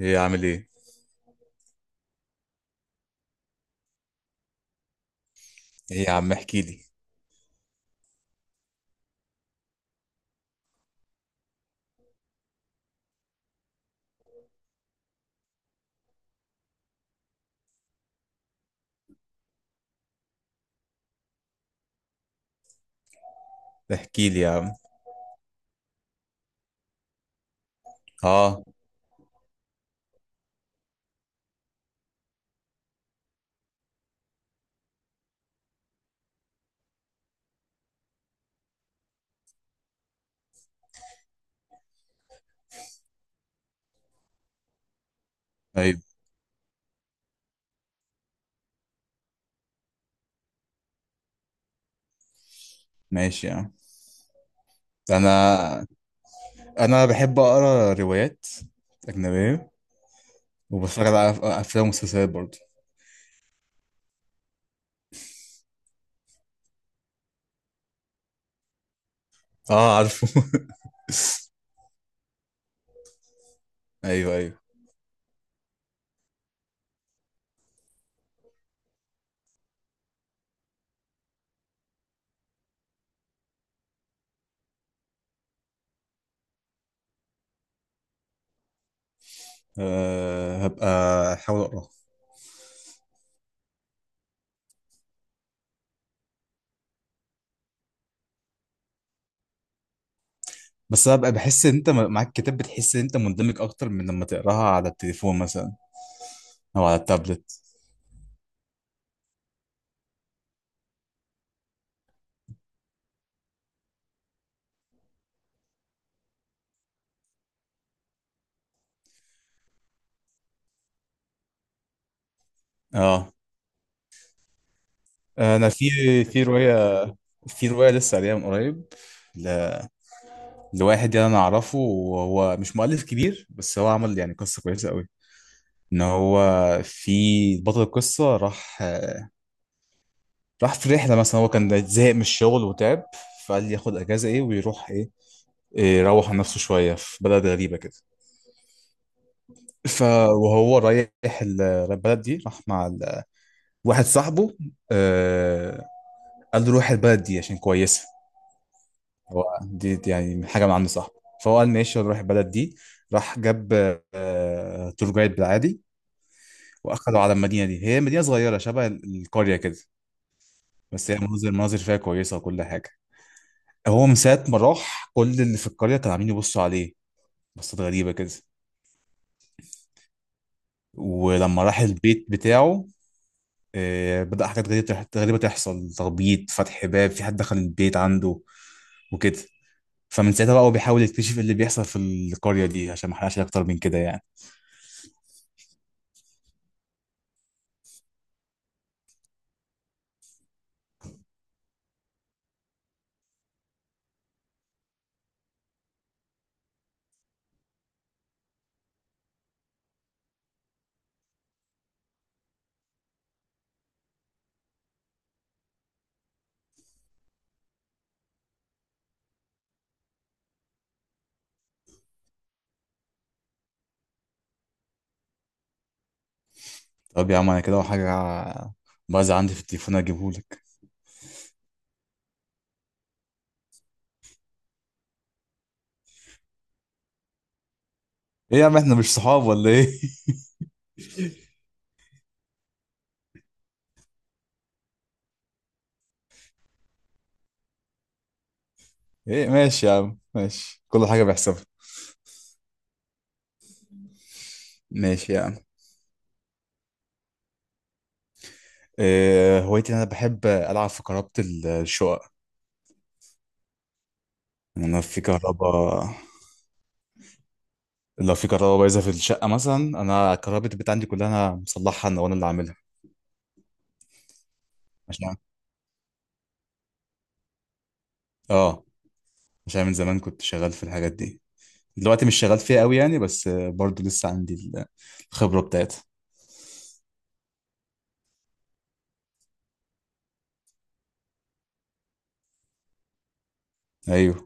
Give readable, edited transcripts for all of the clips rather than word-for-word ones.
ايه عامل ايه؟ ايه يا عم احكي لي. احكي لي يا عم. اه، طيب ماشي يا عم. انا بحب اقرا روايات اجنبيه. وبتفرج على افلام ومسلسلات برضه. اه عارفه. ايوه ايوه. أه هبقى احاول اقراها. بس هبقى بحس ان انت معاك كتاب بتحس ان انت مندمج اكتر من لما تقراها على التليفون مثلا، او على التابلت. اه انا في روايه، لسه قاريها من قريب لواحد، يعني انا اعرفه وهو مش مؤلف كبير، بس هو عمل يعني قصه كويسه قوي. ان هو في بطل القصه راح في رحله مثلا. هو كان زهق من الشغل وتعب، فقال لي ياخد اجازه ايه ويروح ايه. يروح عن نفسه شويه في بلد غريبه كده. ف وهو رايح البلد دي، راح مع واحد صاحبه. آه، قال له روح البلد دي عشان كويسه. هو دي يعني من حاجه، من عند صاحبه. فهو قال ماشي نروح البلد دي. راح جاب تور جايد بالعادي. واخدوا على المدينه دي، هي مدينه صغيره شبه القريه كده. بس هي المناظر فيها كويسه وكل حاجه. هو من ساعه ما راح كل اللي في القريه كانوا عاملين يبصوا عليه بصات غريبه كده. ولما راح البيت بتاعه، بدأ حاجات غريبة تحصل، تخبيط، فتح باب، في حد دخل البيت عنده وكده. فمن ساعتها بقى هو بيحاول يكتشف إيه اللي بيحصل في القرية دي. عشان ما احرقش أكتر من كده يعني. طب يا عم أنا كده وحاجة بايظة عندي في التليفون أجيبهولك. إيه يا عم إحنا مش صحاب ولا إيه؟ ايه ماشي يا عم، ماشي. كل حاجة بحسبها. ماشي يا عم. إيه هوايتي إن انا بحب العب في كهربة الشقق. انا في كهرباء لو في كهرباء بايظة في الشقة مثلا، انا كهرباء البيت عندي كلها انا مصلحها، انا اللي عاملها. عشان، اه، عشان من زمان كنت شغال في الحاجات دي. دلوقتي مش شغال فيها قوي يعني، بس برضو لسه عندي الخبرة بتاعتها. ايوه،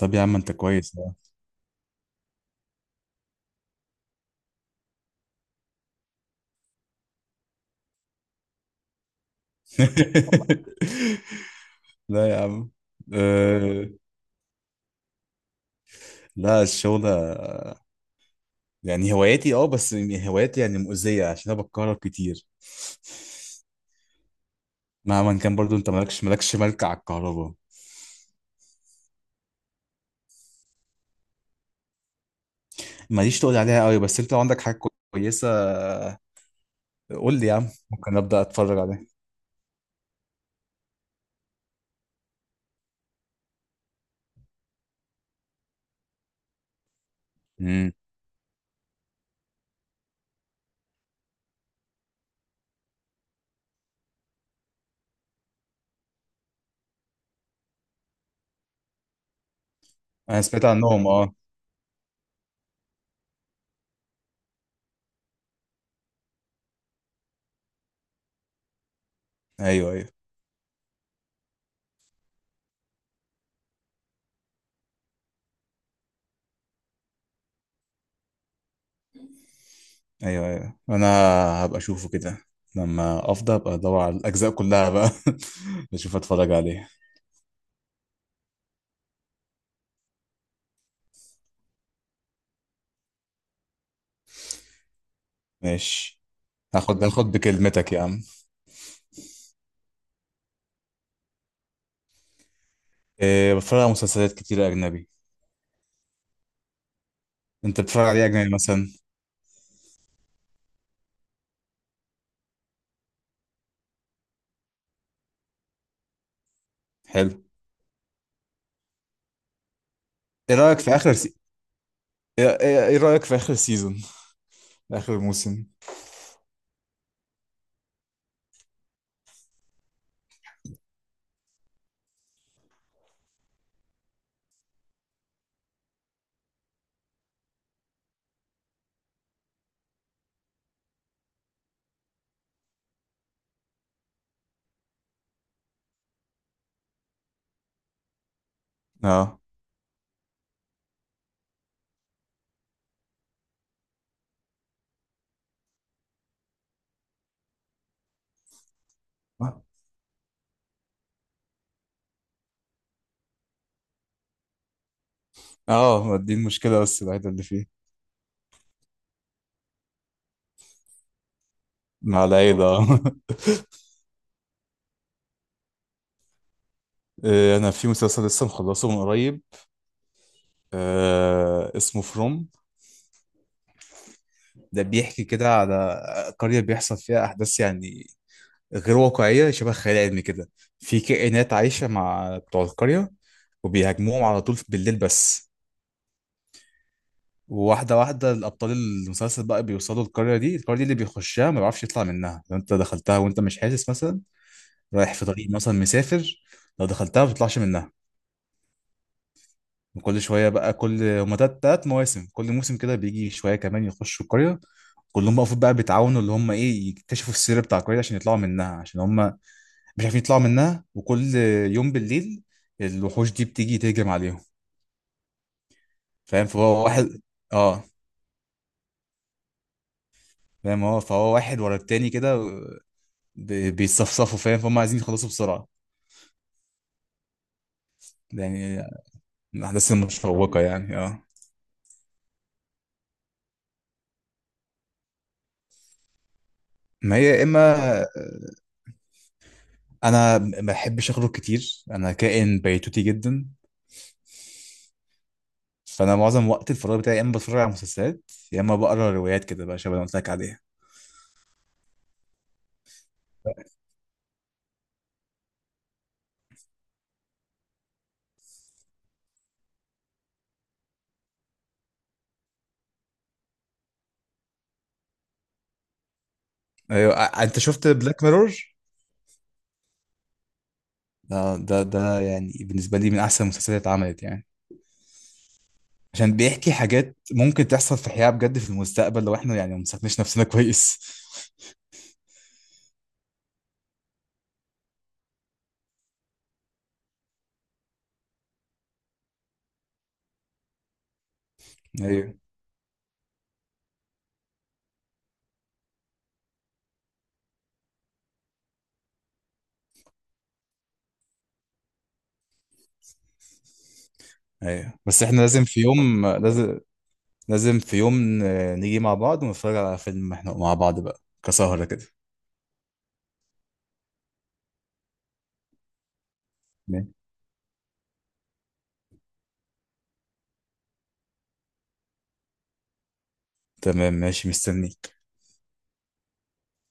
طب يا عم انت كويس. لا لا يا عم. أه لا الشغل يعني هواياتي، اه بس هواياتي يعني مؤذية عشان انا بتكهرب كتير. مهما كان برضو انت مالكش ملك على الكهرباء. ماليش تقول عليها قوي، بس انت لو عندك حاجة كويسة قول لي يا عم ممكن ابدأ اتفرج عليها. امم، انا سمعت عنهم اه. ايوه ايوه. ايوه ايوه. انا هبقى اشوفه كده لما افضى ابقى ادور على الاجزاء كلها بقى. اشوف اتفرج عليها. ماشي، هاخد بكلمتك يا عم. إيه بتفرج على مسلسلات كتير اجنبي. انت بتتفرج على ايه اجنبي مثلا؟ حلو. ايه رايك في اخر إيه رأيك في آخر سيزون، آخر موسم. اه. اه دي المشكلة بس الوحيدة اللي فيه. مع العيلة. انا في مسلسل لسه مخلصه من قريب. آه اسمه فروم. ده بيحكي كده على قرية بيحصل فيها احداث يعني غير واقعية، شبه خيال علمي كده. في كائنات عايشة مع بتوع القرية، وبيهاجموهم على طول بالليل بس. وواحدة الأبطال المسلسل بقى بيوصلوا القرية دي. القرية دي اللي بيخشها ما بيعرفش يطلع منها. لو أنت دخلتها وأنت مش حاسس مثلا رايح في طريق مثلا مسافر، لو دخلتها ما بتطلعش منها. وكل شويه بقى، كل تلات مواسم، كل موسم كده بيجي شويه كمان يخشوا القريه. كلهم بقى المفروض بقى بيتعاونوا اللي هم ايه يكتشفوا السر بتاع القريه عشان يطلعوا منها، عشان هم مش عارفين يطلعوا منها. وكل يوم بالليل الوحوش دي بتيجي تهجم عليهم. فاهم، فهو واحد، اه، فاهم، فهو واحد ورا التاني كده، بيتصفصفوا. فاهم فهم عايزين يخلصوا بسرعه يعني، من الاحداث المشوقه يعني اه. ما هي يا اما، انا ما بحبش اخرج كتير، انا كائن بيتوتي جدا. فانا معظم وقت الفراغ بتاعي يا اما بتفرج على مسلسلات يا اما بقرا روايات كده بقى، شبه اللي قلت لك عليها. ايوه، انت شفت بلاك ميرور؟ ده ده يعني بالنسبه لي من احسن المسلسلات اللي اتعملت يعني. عشان بيحكي حاجات ممكن تحصل في حياه بجد في المستقبل لو احنا يعني ما مسكناش نفسنا كويس. ايوه ايوه، بس احنا لازم في يوم، لازم في يوم نيجي مع بعض ونتفرج على فيلم احنا مع بعض بقى كسهرة كده. تمام ماشي، مستني.